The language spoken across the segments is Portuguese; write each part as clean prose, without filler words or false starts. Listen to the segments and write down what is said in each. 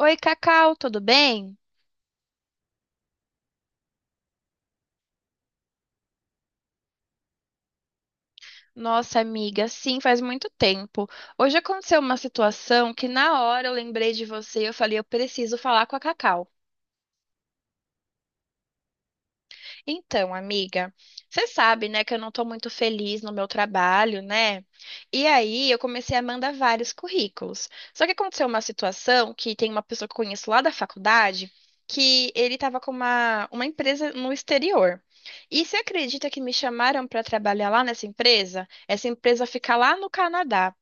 Oi, Cacau, tudo bem? Nossa, amiga, sim, faz muito tempo. Hoje aconteceu uma situação que na hora eu lembrei de você e eu falei, eu preciso falar com a Cacau. Então, amiga, você sabe, né, que eu não tô muito feliz no meu trabalho, né? E aí eu comecei a mandar vários currículos. Só que aconteceu uma situação que tem uma pessoa que eu conheço lá da faculdade que ele estava com uma empresa no exterior. E você acredita que me chamaram para trabalhar lá nessa empresa? Essa empresa fica lá no Canadá.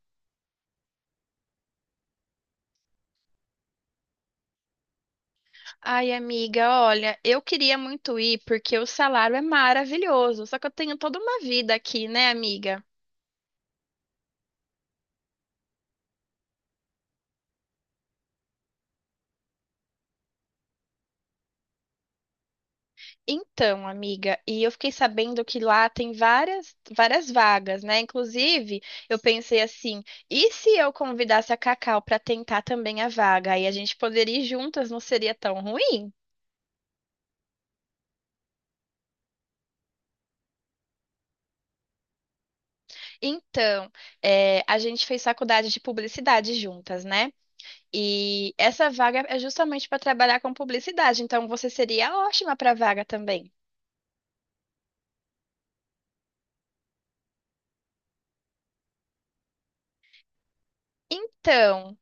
Ai, amiga, olha, eu queria muito ir porque o salário é maravilhoso, só que eu tenho toda uma vida aqui, né, amiga? Então, amiga, e eu fiquei sabendo que lá tem várias, várias vagas, né? Inclusive, eu pensei assim, e se eu convidasse a Cacau para tentar também a vaga? Aí a gente poderia ir juntas, não seria tão ruim? Então, é, a gente fez faculdade de publicidade juntas, né? E essa vaga é justamente para trabalhar com publicidade, então você seria ótima para a vaga também. Então,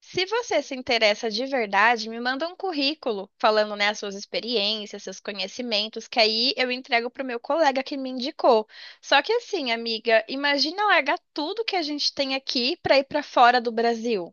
se você se interessa de verdade, me manda um currículo falando, né, as suas experiências, seus conhecimentos, que aí eu entrego pro meu colega que me indicou. Só que assim, amiga, imagina largar tudo que a gente tem aqui para ir para fora do Brasil.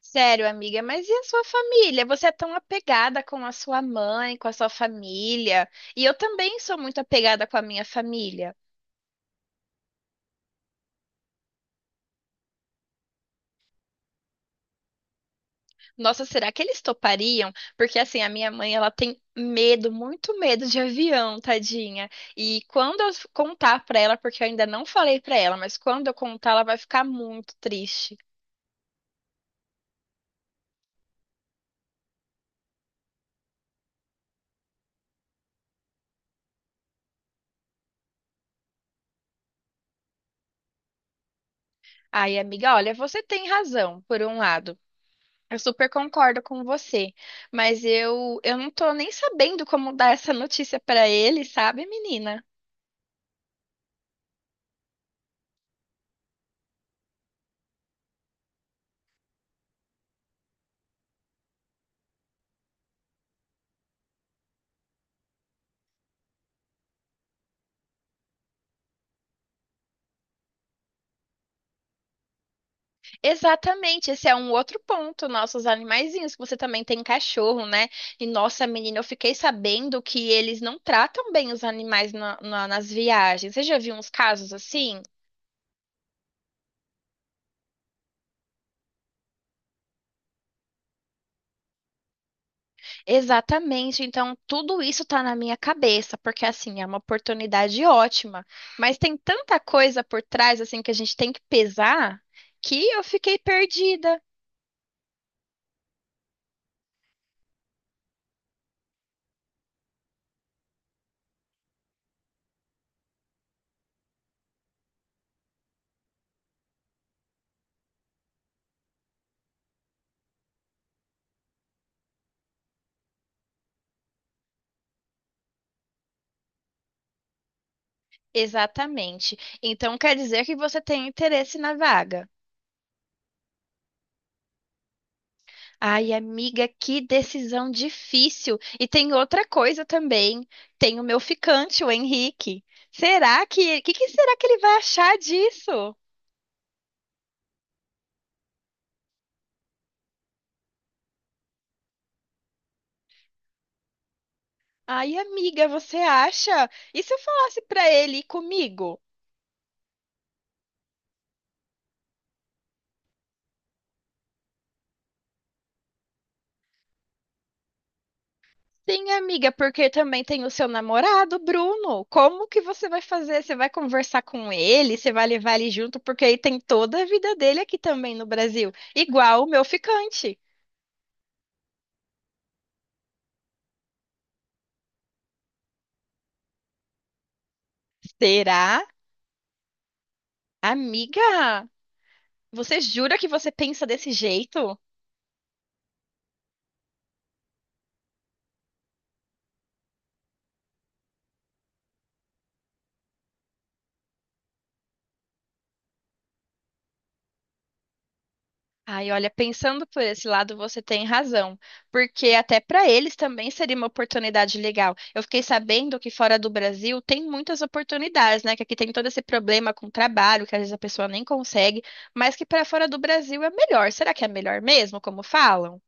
Sério, amiga, mas e a sua família? Você é tão apegada com a sua mãe, com a sua família, e eu também sou muito apegada com a minha família. Nossa, será que eles topariam? Porque assim, a minha mãe, ela tem medo, muito medo de avião, tadinha. E quando eu contar pra ela, porque eu ainda não falei pra ela, mas quando eu contar, ela vai ficar muito triste. Ai, amiga, olha, você tem razão, por um lado. Eu super concordo com você, mas eu não tô nem sabendo como dar essa notícia pra ele, sabe, menina? Exatamente, esse é um outro ponto, nossos animaizinhos, que você também tem cachorro, né? E nossa, menina, eu fiquei sabendo que eles não tratam bem os animais nas viagens. Você já viu uns casos assim? Exatamente, então tudo isso tá na minha cabeça, porque assim, é uma oportunidade ótima, mas tem tanta coisa por trás assim que a gente tem que pesar que eu fiquei perdida. Exatamente. Então quer dizer que você tem interesse na vaga. Ai, amiga, que decisão difícil. E tem outra coisa também. Tem o meu ficante, o Henrique. Será que será que ele vai achar disso? Ai, amiga, você acha? E se eu falasse pra ele ir comigo? Sim, amiga, porque também tem o seu namorado, Bruno. Como que você vai fazer? Você vai conversar com ele? Você vai levar ele junto? Porque aí tem toda a vida dele aqui também no Brasil, igual o meu ficante. Será? Amiga, você jura que você pensa desse jeito? Ai, olha, pensando por esse lado, você tem razão, porque até para eles também seria uma oportunidade legal. Eu fiquei sabendo que fora do Brasil tem muitas oportunidades, né? Que aqui tem todo esse problema com trabalho, que às vezes a pessoa nem consegue, mas que para fora do Brasil é melhor. Será que é melhor mesmo, como falam?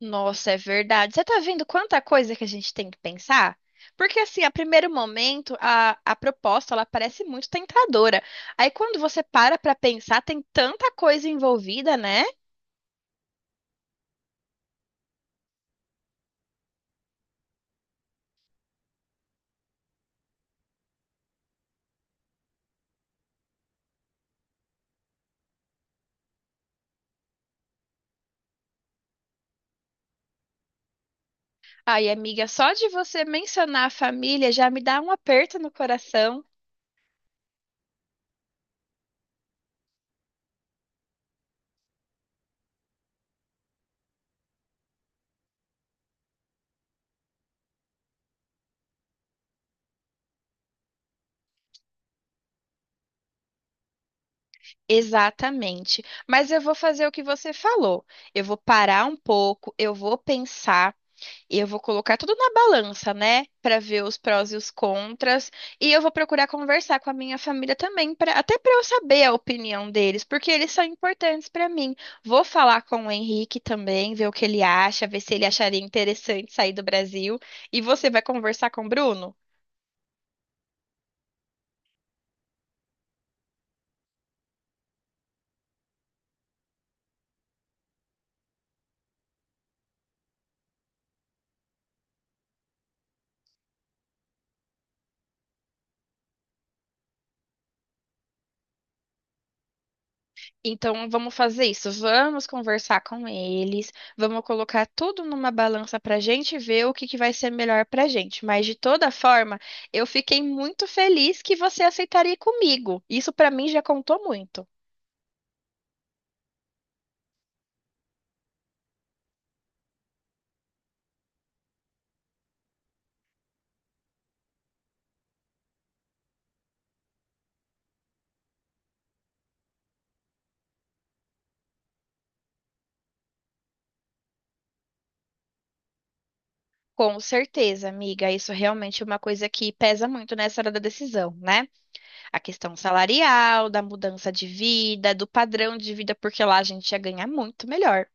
Nossa, é verdade. Você tá vendo quanta coisa que a gente tem que pensar? Porque assim, a primeiro momento, a proposta, ela parece muito tentadora. Aí quando você para pra pensar, tem tanta coisa envolvida, né? Ai, amiga, só de você mencionar a família já me dá um aperto no coração. Exatamente. Mas eu vou fazer o que você falou. Eu vou parar um pouco, eu vou pensar. E eu vou colocar tudo na balança, né? Pra ver os prós e os contras. E eu vou procurar conversar com a minha família também, pra, até pra eu saber a opinião deles, porque eles são importantes pra mim. Vou falar com o Henrique também, ver o que ele acha, ver se ele acharia interessante sair do Brasil. E você vai conversar com o Bruno? Então vamos fazer isso. Vamos conversar com eles, vamos colocar tudo numa balança pra gente ver o que que vai ser melhor pra gente. Mas de toda forma, eu fiquei muito feliz que você aceitaria ir comigo. Isso pra mim já contou muito. Com certeza, amiga, isso realmente é uma coisa que pesa muito nessa hora da decisão, né? A questão salarial, da mudança de vida, do padrão de vida, porque lá a gente ia ganhar muito melhor.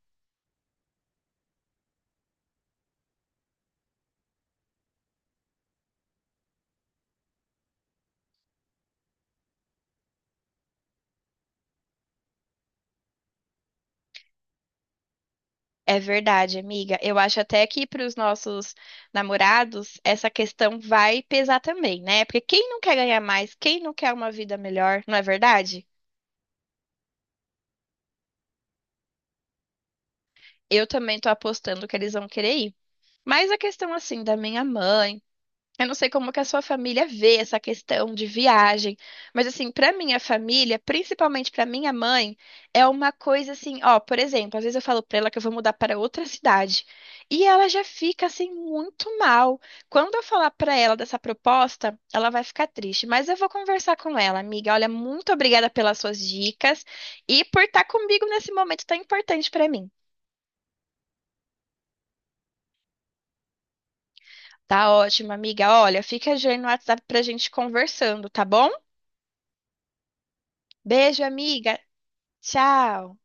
É verdade, amiga. Eu acho até que para os nossos namorados essa questão vai pesar também, né? Porque quem não quer ganhar mais, quem não quer uma vida melhor, não é verdade? Eu também tô apostando que eles vão querer ir. Mas a questão assim da minha mãe. Eu não sei como que a sua família vê essa questão de viagem, mas assim, para minha família, principalmente para minha mãe, é uma coisa assim, ó, por exemplo, às vezes eu falo para ela que eu vou mudar para outra cidade, e ela já fica assim muito mal. Quando eu falar para ela dessa proposta, ela vai ficar triste, mas eu vou conversar com ela, amiga. Olha, muito obrigada pelas suas dicas e por estar comigo nesse momento tão importante para mim. Tá ótimo, amiga. Olha, fica de olho no WhatsApp pra gente conversando, tá bom? Beijo, amiga. Tchau!